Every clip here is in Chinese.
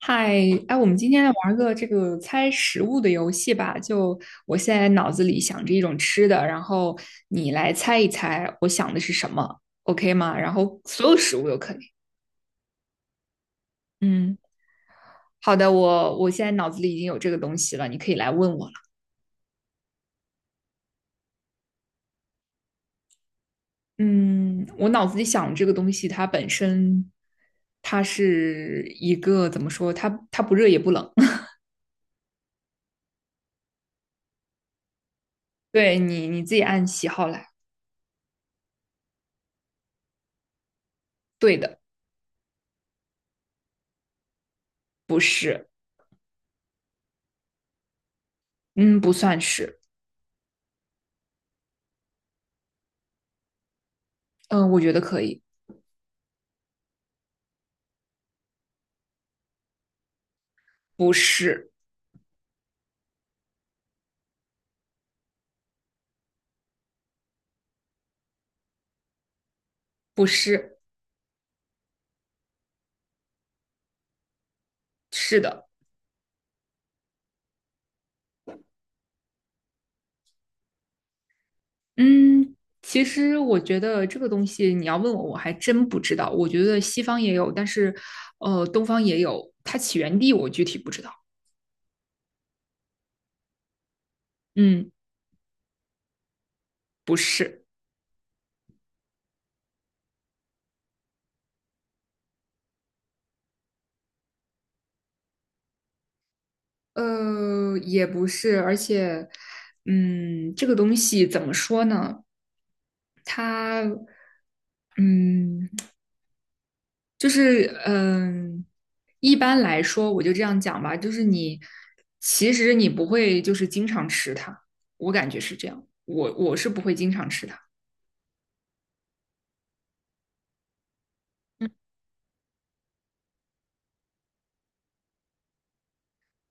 嗨，哎，我们今天来玩个这个猜食物的游戏吧。就我现在脑子里想着一种吃的，然后你来猜一猜我想的是什么，OK 吗？然后所有食物都可以。嗯，好的，我现在脑子里已经有这个东西了，你可以来问我了。嗯，我脑子里想这个东西，它本身它是一个怎么说？它不热也不冷。对你自己按喜好来。对的。不是。嗯，不算是。嗯，我觉得可以。不是。不是。是的。嗯，其实我觉得这个东西你要问我，我还真不知道。我觉得西方也有，但是东方也有，它起源地我具体不知道。嗯，不是。也不是，而且，这个东西怎么说呢？它，嗯，就是一般来说，我就这样讲吧，就是你其实你不会就是经常吃它，我感觉是这样，我是不会经常吃它。嗯。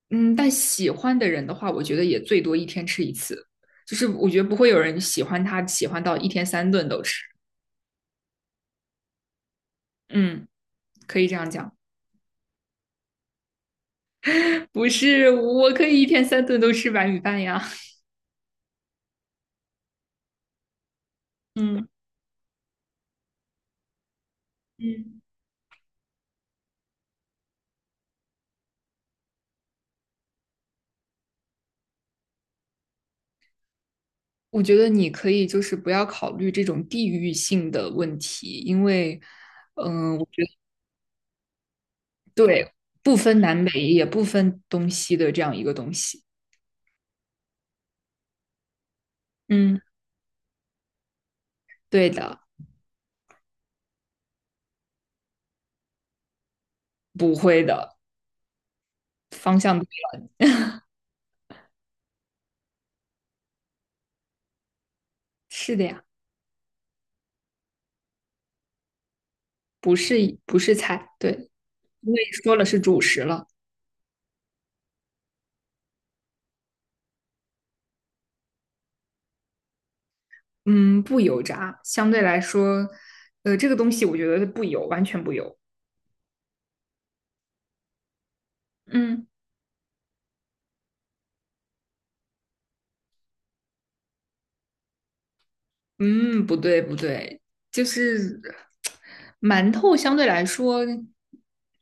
嗯，但喜欢的人的话，我觉得也最多一天吃一次，就是我觉得不会有人喜欢它，喜欢到一天三顿都吃。嗯，可以这样讲。不是，我可以一天三顿都吃白米饭呀。嗯。嗯。我觉得你可以就是不要考虑这种地域性的问题，因为，我觉得对，不分南北也不分东西的这样一个东西。嗯。对的。不会的。方向对。是的呀。不是，不是菜，对。因为说了是主食了。嗯，不油炸，相对来说，这个东西我觉得不油，完全不油。嗯。嗯，不对不对，就是馒头相对来说，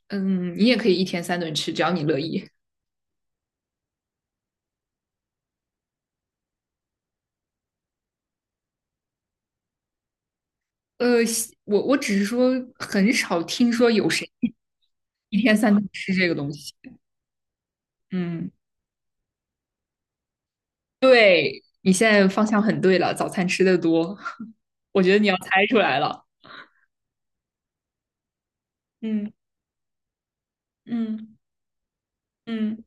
嗯，你也可以一天三顿吃，只要你乐意。呃，我只是说很少听说有谁一天三顿吃这个东西。嗯。对，你现在方向很对了，早餐吃的多。我觉得你要猜出来了。嗯。嗯。嗯。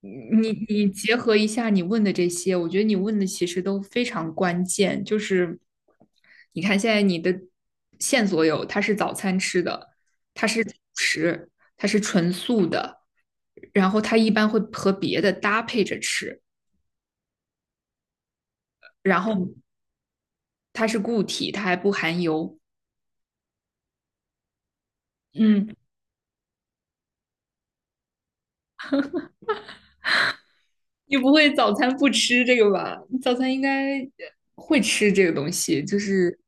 你结合一下你问的这些，我觉得你问的其实都非常关键。就是你看现在你的线索有，它是早餐吃的，吃，它是纯素的，然后它一般会和别的搭配着吃，然后它是固体，它还不含油。嗯，你不会早餐不吃这个吧？你早餐应该会吃这个东西，就是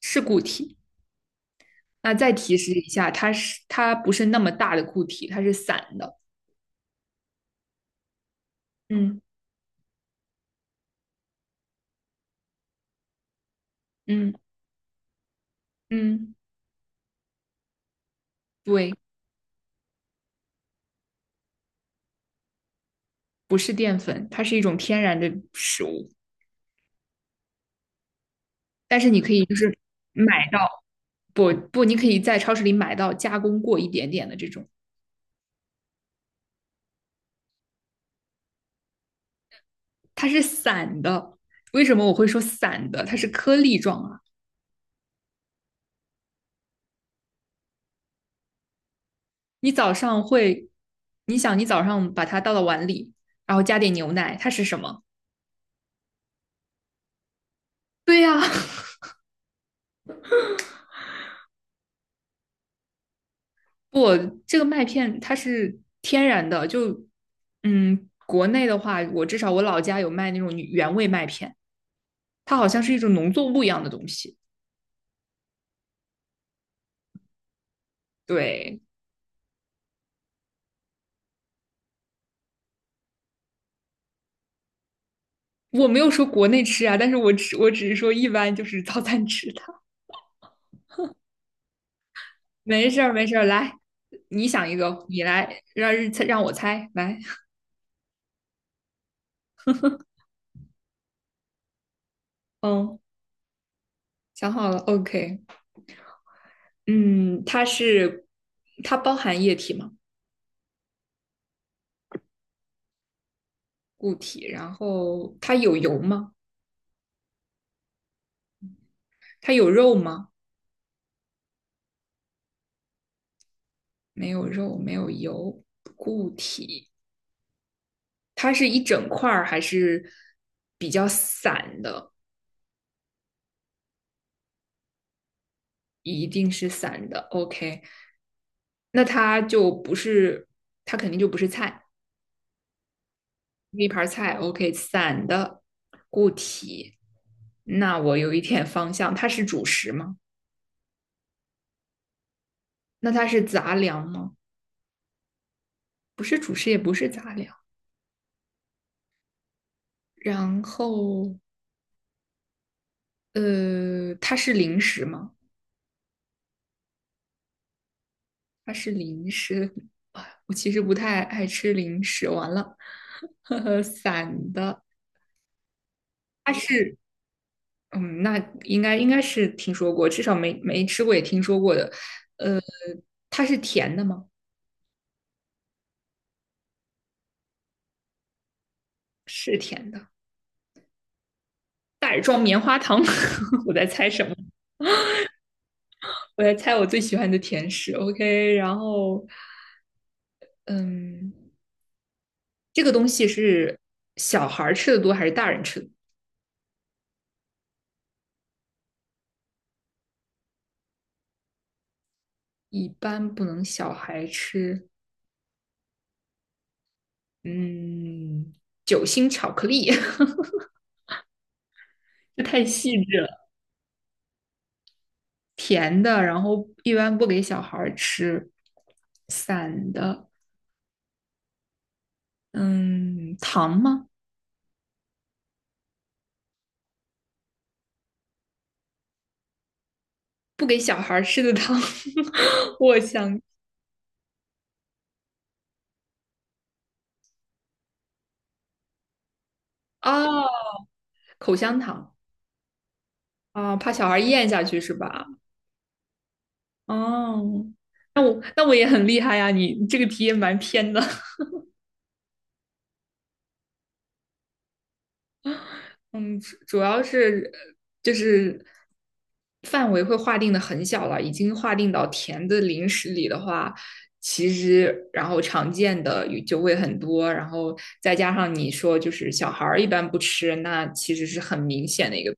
是固体。那再提示一下，它是它不是那么大的固体，它是散的。嗯。嗯。嗯。对，不是淀粉，它是一种天然的食物。但是你可以就是买到，不不，你可以在超市里买到加工过一点点的这种，它是散的。为什么我会说散的？它是颗粒状啊。你早上会，你想你早上把它倒到碗里，然后加点牛奶，它是什么？对呀、啊不，这个麦片它是天然的，就国内的话，我至少我老家有卖那种原味麦片，它好像是一种农作物一样的东西。对，我没有说国内吃啊，但是我只我只是说一般就是早餐吃它。没事儿，没事儿，来，你想一个，你来让让我猜，来，嗯，想好了，OK,嗯，它是它包含液体吗？固体，然后它有油吗？它有肉吗？没有肉，没有油，固体。它是一整块儿还是比较散的？一定是散的。OK,那它就不是，它肯定就不是菜，一盘菜。OK,散的固体。那我有一点方向，它是主食吗？那它是杂粮吗？不是主食，也不是杂粮。然后，它是零食吗？它是零食，我其实不太爱吃零食。完了。呵呵，散的，它是，嗯，那应该应该是听说过，至少没没吃过也听说过的。呃，它是甜的吗？是甜的，袋装棉花糖。我在猜什么？我在猜我最喜欢的甜食。OK,然后，嗯，这个东西是小孩儿吃的多还是大人吃的？一般不能小孩吃。嗯，酒心巧克力，这太细致了。甜的，然后一般不给小孩儿吃。散的，嗯，糖吗？不给小孩儿吃的糖。我想啊，口香糖啊，怕小孩儿咽下去是吧？哦，那我那我也很厉害呀，你这个题也蛮偏的。嗯，主主要是就是范围会划定的很小了，已经划定到甜的零食里的话，其实然后常见的也就会很多，然后再加上你说就是小孩儿一般不吃，那其实是很明显的一个。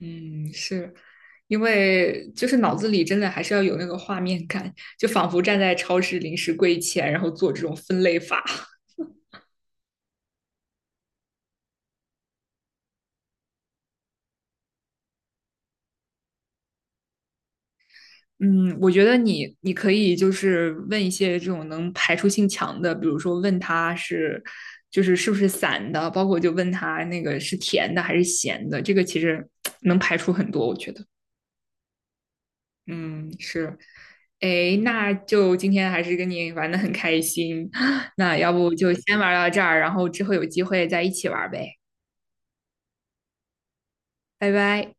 嗯，是因为就是脑子里真的还是要有那个画面感，就仿佛站在超市零食柜前，然后做这种分类法。嗯，我觉得你你可以就是问一些这种能排除性强的，比如说问他是就是是不是散的，包括就问他那个是甜的还是咸的，这个其实 能排除很多，我觉得。嗯，是。诶，那就今天还是跟你玩的很开心，那要不就先玩到这儿，然后之后有机会再一起玩呗，拜拜。